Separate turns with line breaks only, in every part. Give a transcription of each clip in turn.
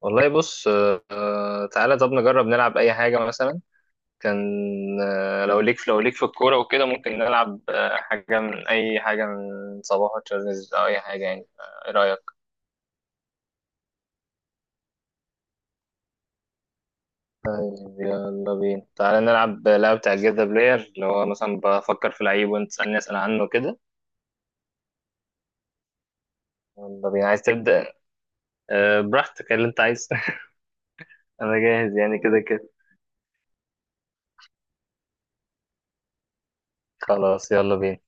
والله بص. تعالى طب نجرب نلعب اي حاجه مثلا. كان آه، لو ليك في الكوره وكده ممكن نلعب حاجه، من اي حاجه من صباح تشارلز او اي حاجه يعني ايه رايك؟ طيب يلا بينا، تعالى نلعب لعبه بتاع جيت ذا بلاير، اللي هو مثلا بفكر في لعيب وانت تسالني اسال عنه كده. يلا بينا، عايز تبدا؟ براحتك اللي انت عايز. انا جاهز يعني كده كده. خلاص يلا بينا.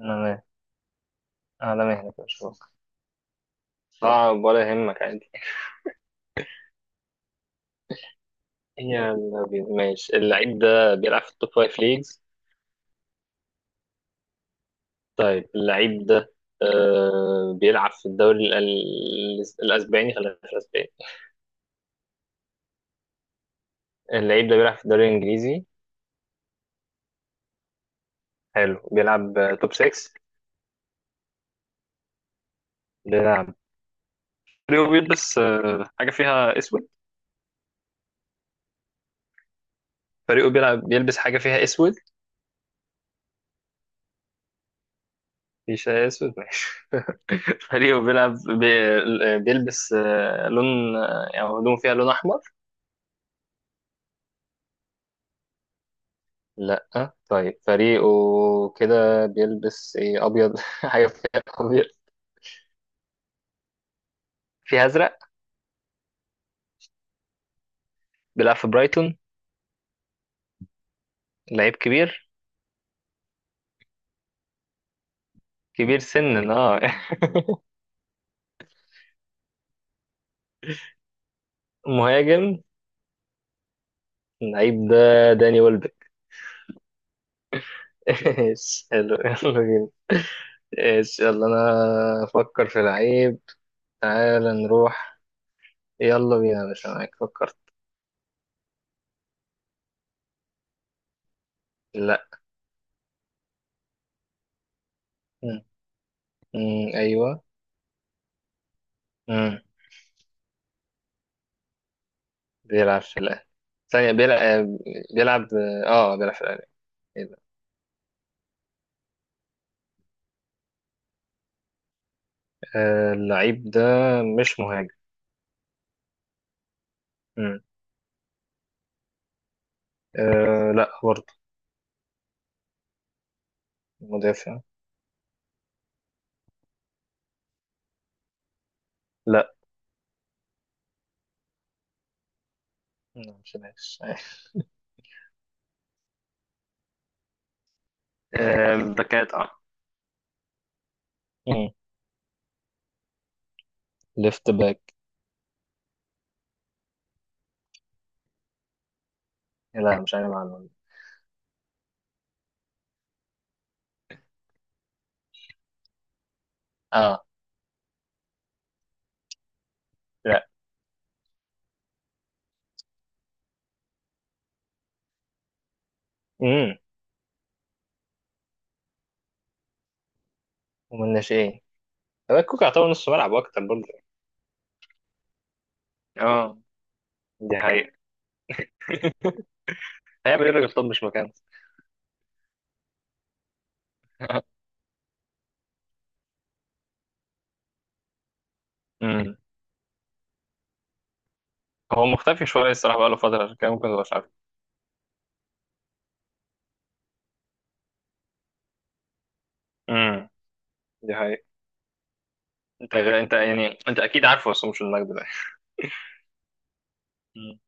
انا مه- انا مهلك اشوفك. اه، ولا يهمك عادي. يلا بينا ماشي. اللعيب ده بيلعب في التوب فايف ليجز. طيب اللعيب ده بيلعب في الدوري الأسباني، خلينا في الأسباني. اللعيب ده بيلعب في الدوري الإنجليزي. حلو، بيلعب توب 6. بيلعب فريقه بيلبس حاجة فيها أسود. فريقه بيلبس حاجة فيها أسود. مفيش أسود ماشي. فريقه بيلبس آه لون آه، يعني هدومه فيها لون أحمر. لا. طيب فريقه كده بيلبس إيه، أبيض. حاجة فيها أبيض، في أزرق. بيلعب في برايتون. لعيب كبير. كبير سنا اه. مهاجم. اللعيب ده داني ويلبك. ايش حلو، يلا بينا. ايش يلا، انا افكر في لعيب. تعالى نروح. يلا بينا يا باشا، معاك. فكرت؟ لا. مم. مم. ايوه. مم. بيلعب في الاهلي. ثانية بيلعب بيلعب اه بيلعب. في الاهلي. إيه ده؟ اللعيب ده مش مهاجم. مم. لا برضه. مدافع. لا، لا، مش ماشي. الباكات اه. مم. ليفت باك. لا، مش عارف عنه. اه. لا. امم ومن الناشئين، باك كوكا يعتبر نص ملعب واكتر برضه. اه، دي حقيقة. هيعمل ايه الراجل؟ طب مش مكانه. امم هو مختفي شويه الصراحه، بقاله فتره عشان كده ممكن تبقاش عارف. امم دي حقيقة. انت اكيد عارفه، بس هو مش المجد ده. مم.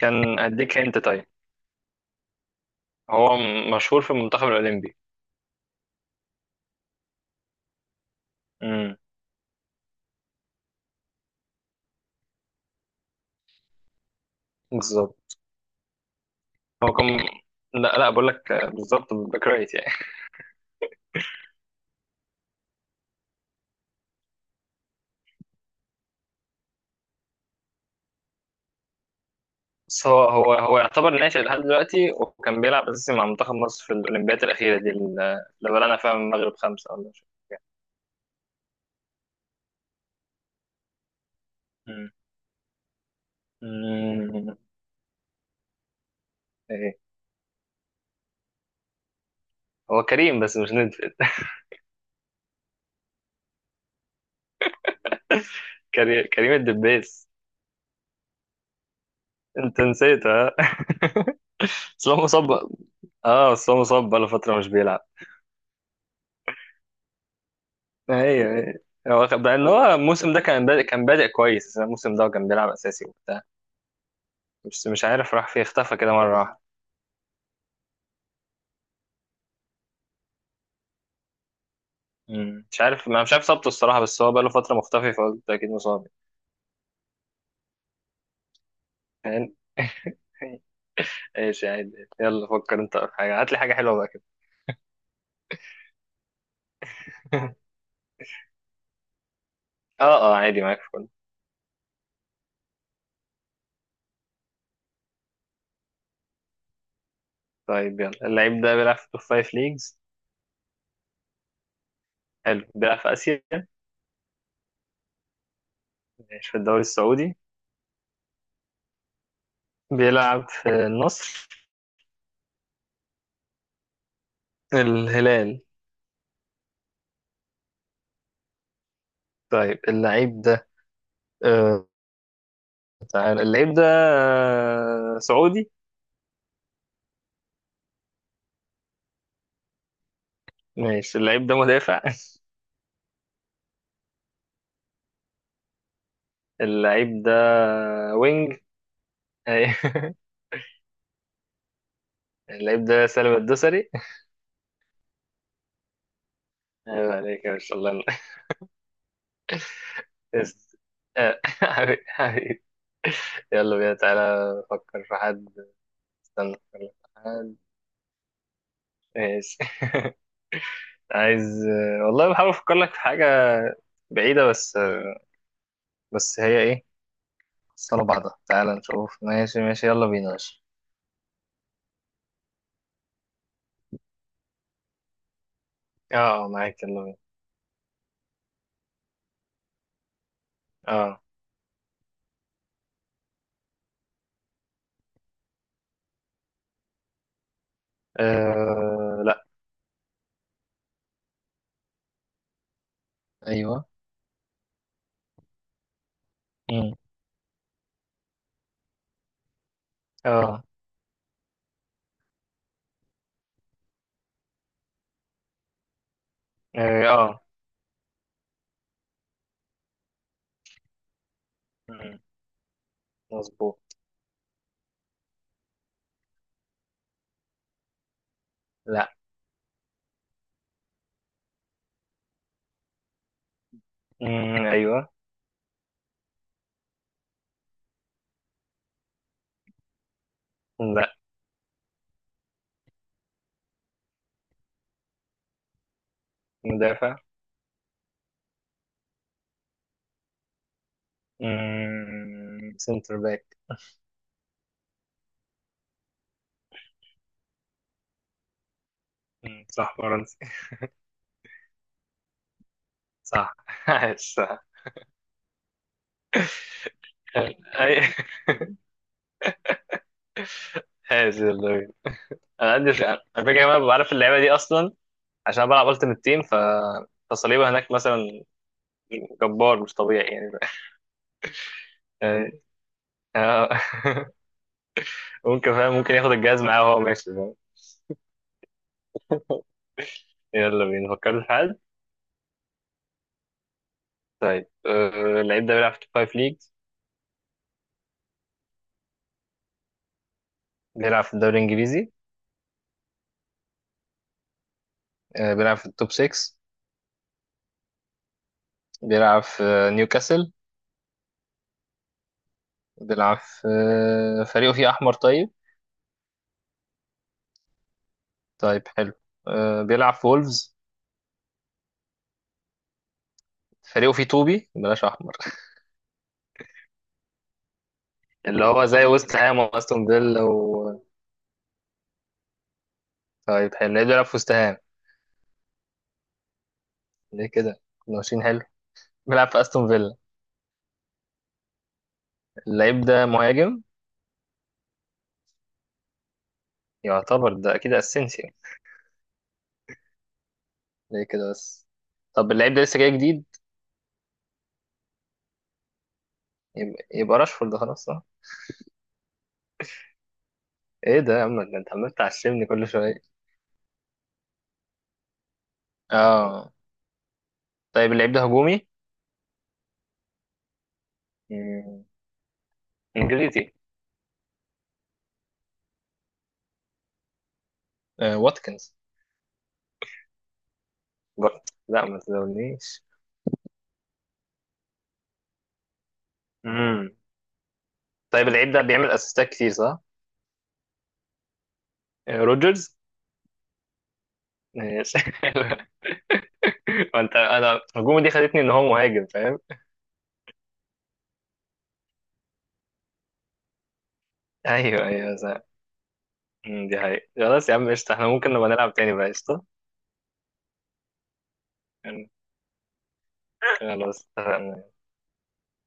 كان اديك انت، طيب. مشهور في المنتخب الاولمبي. امم بالظبط. هو كان. لا، لا، بقول لك بالظبط، باك رايت يعني. بس هو يعتبر ناشئ لحد دلوقتي، وكان بيلعب اساسي مع منتخب مصر في الاولمبيات الاخيره دي اللي بلعنا فيها من المغرب خمسه ولا مش فاكر كام. مم. مم. ايه. هو كريم، بس مش ندفد. كريم الدبيس. انت نسيت ها؟ بس هو مصاب. اه، بس هو مصاب بقاله فتره مش بيلعب. ايوه ايوه. بقى ان هو الموسم ده كان بادئ كويس، الموسم ده كان بيلعب اساسي وبتاع. بس مش عارف راح فيه، اختفى كده مره واحدة. مم. مش عارف، انا مش عارف اصابته الصراحه، بس هو بقاله فتره مختفي، فقلت اكيد مصاب. يعني. ايش يا عادي، يلا فكر انت في حاجه، هات لي حاجه حلوه بقى كده. اه. اه عادي، معاك في كله. طيب يلا، اللعيب ده بيلعب في توب فايف ليجز. حلو، بيلعب في اسيا. مش في الدوري السعودي. بيلعب في النصر. الهلال. طيب اللعيب ده. آه تعال اللعيب ده سعودي. ماشي، اللعيب ده مدافع. اللعيب ده وينج. أي. اللعيب ده سالم الدوسري. عيب عليك يا باشا، الله. يس- آه، حبيبي حبيبي. يلا بينا، تعالى فكر في حد. استنى افكر لك في حد. ماشي. عايز والله بحاول افكر لك في حاجة بعيدة، بس هي ايه. صلى بعضها تعالى نشوف، ماشي ماشي يلا بينا ماشي. اه معاك يلا بينا. اه. لا. ايوه. مم. اه. اه. آه. مم. مظبوط. لا. مم. ايوه. لا. مدافع. مم. سنتر باك. مم، صح فرنسي. صح. عايش صح. اي، عايش والله. انا عندي الفكره كمان، بعرف اللعبه دي اصلا، عشان أنا بلعب التيمت تيم، ف فصليبه هناك مثلا جبار مش طبيعي يعني. يعني- آه. ممكن، فاهم؟ ممكن ياخد الجهاز معاه وهو ماشي، فاهم؟ يلا بينا، فكرت في حد؟ طيب اللعيب ده بيلعب في التوب فايف ليجز. بيلعب في الدوري الانجليزي. بيلعب في التوب 6. بيلعب في نيوكاسل. بيلعب في آه، فريقه فيه احمر، طيب. طيب حلو، بيلعب في وولفز. فريقه فيه طوبي بلاش احمر. اللي هو زي وست هام واستون فيلا و. طيب حلو، ليه بيلعب في وست هام؟ ليه كده؟ كنا ماشيين حلو. بيلعب في استون فيلا. اللعيب ده مهاجم. يعتبر ده اكيد اسينسيو. ليه كده بس؟ طب اللعيب ده لسه جاي جديد. يبقى راشفورد خلاص، صح. ايه ده يا عم؟ ده انت عمال تعشمني كل شويه. اه. طيب اللعيب ده هجومي. مم، انجليزي. واتكنز. برضه. لا، ما تزولنيش. امم طيب اللعيب ده بيعمل اسيستات كتير، صح. روجرز. ماشي. انت، انا الهجوم دي خدتني ان هو مهاجم، فاهم. ايوه ايوه صح. دي حقيقة. خلاص يا عم قشطة، احنا ممكن نبقى نلعب تاني بقى، قشطة. يعني. خلاص اتفقنا.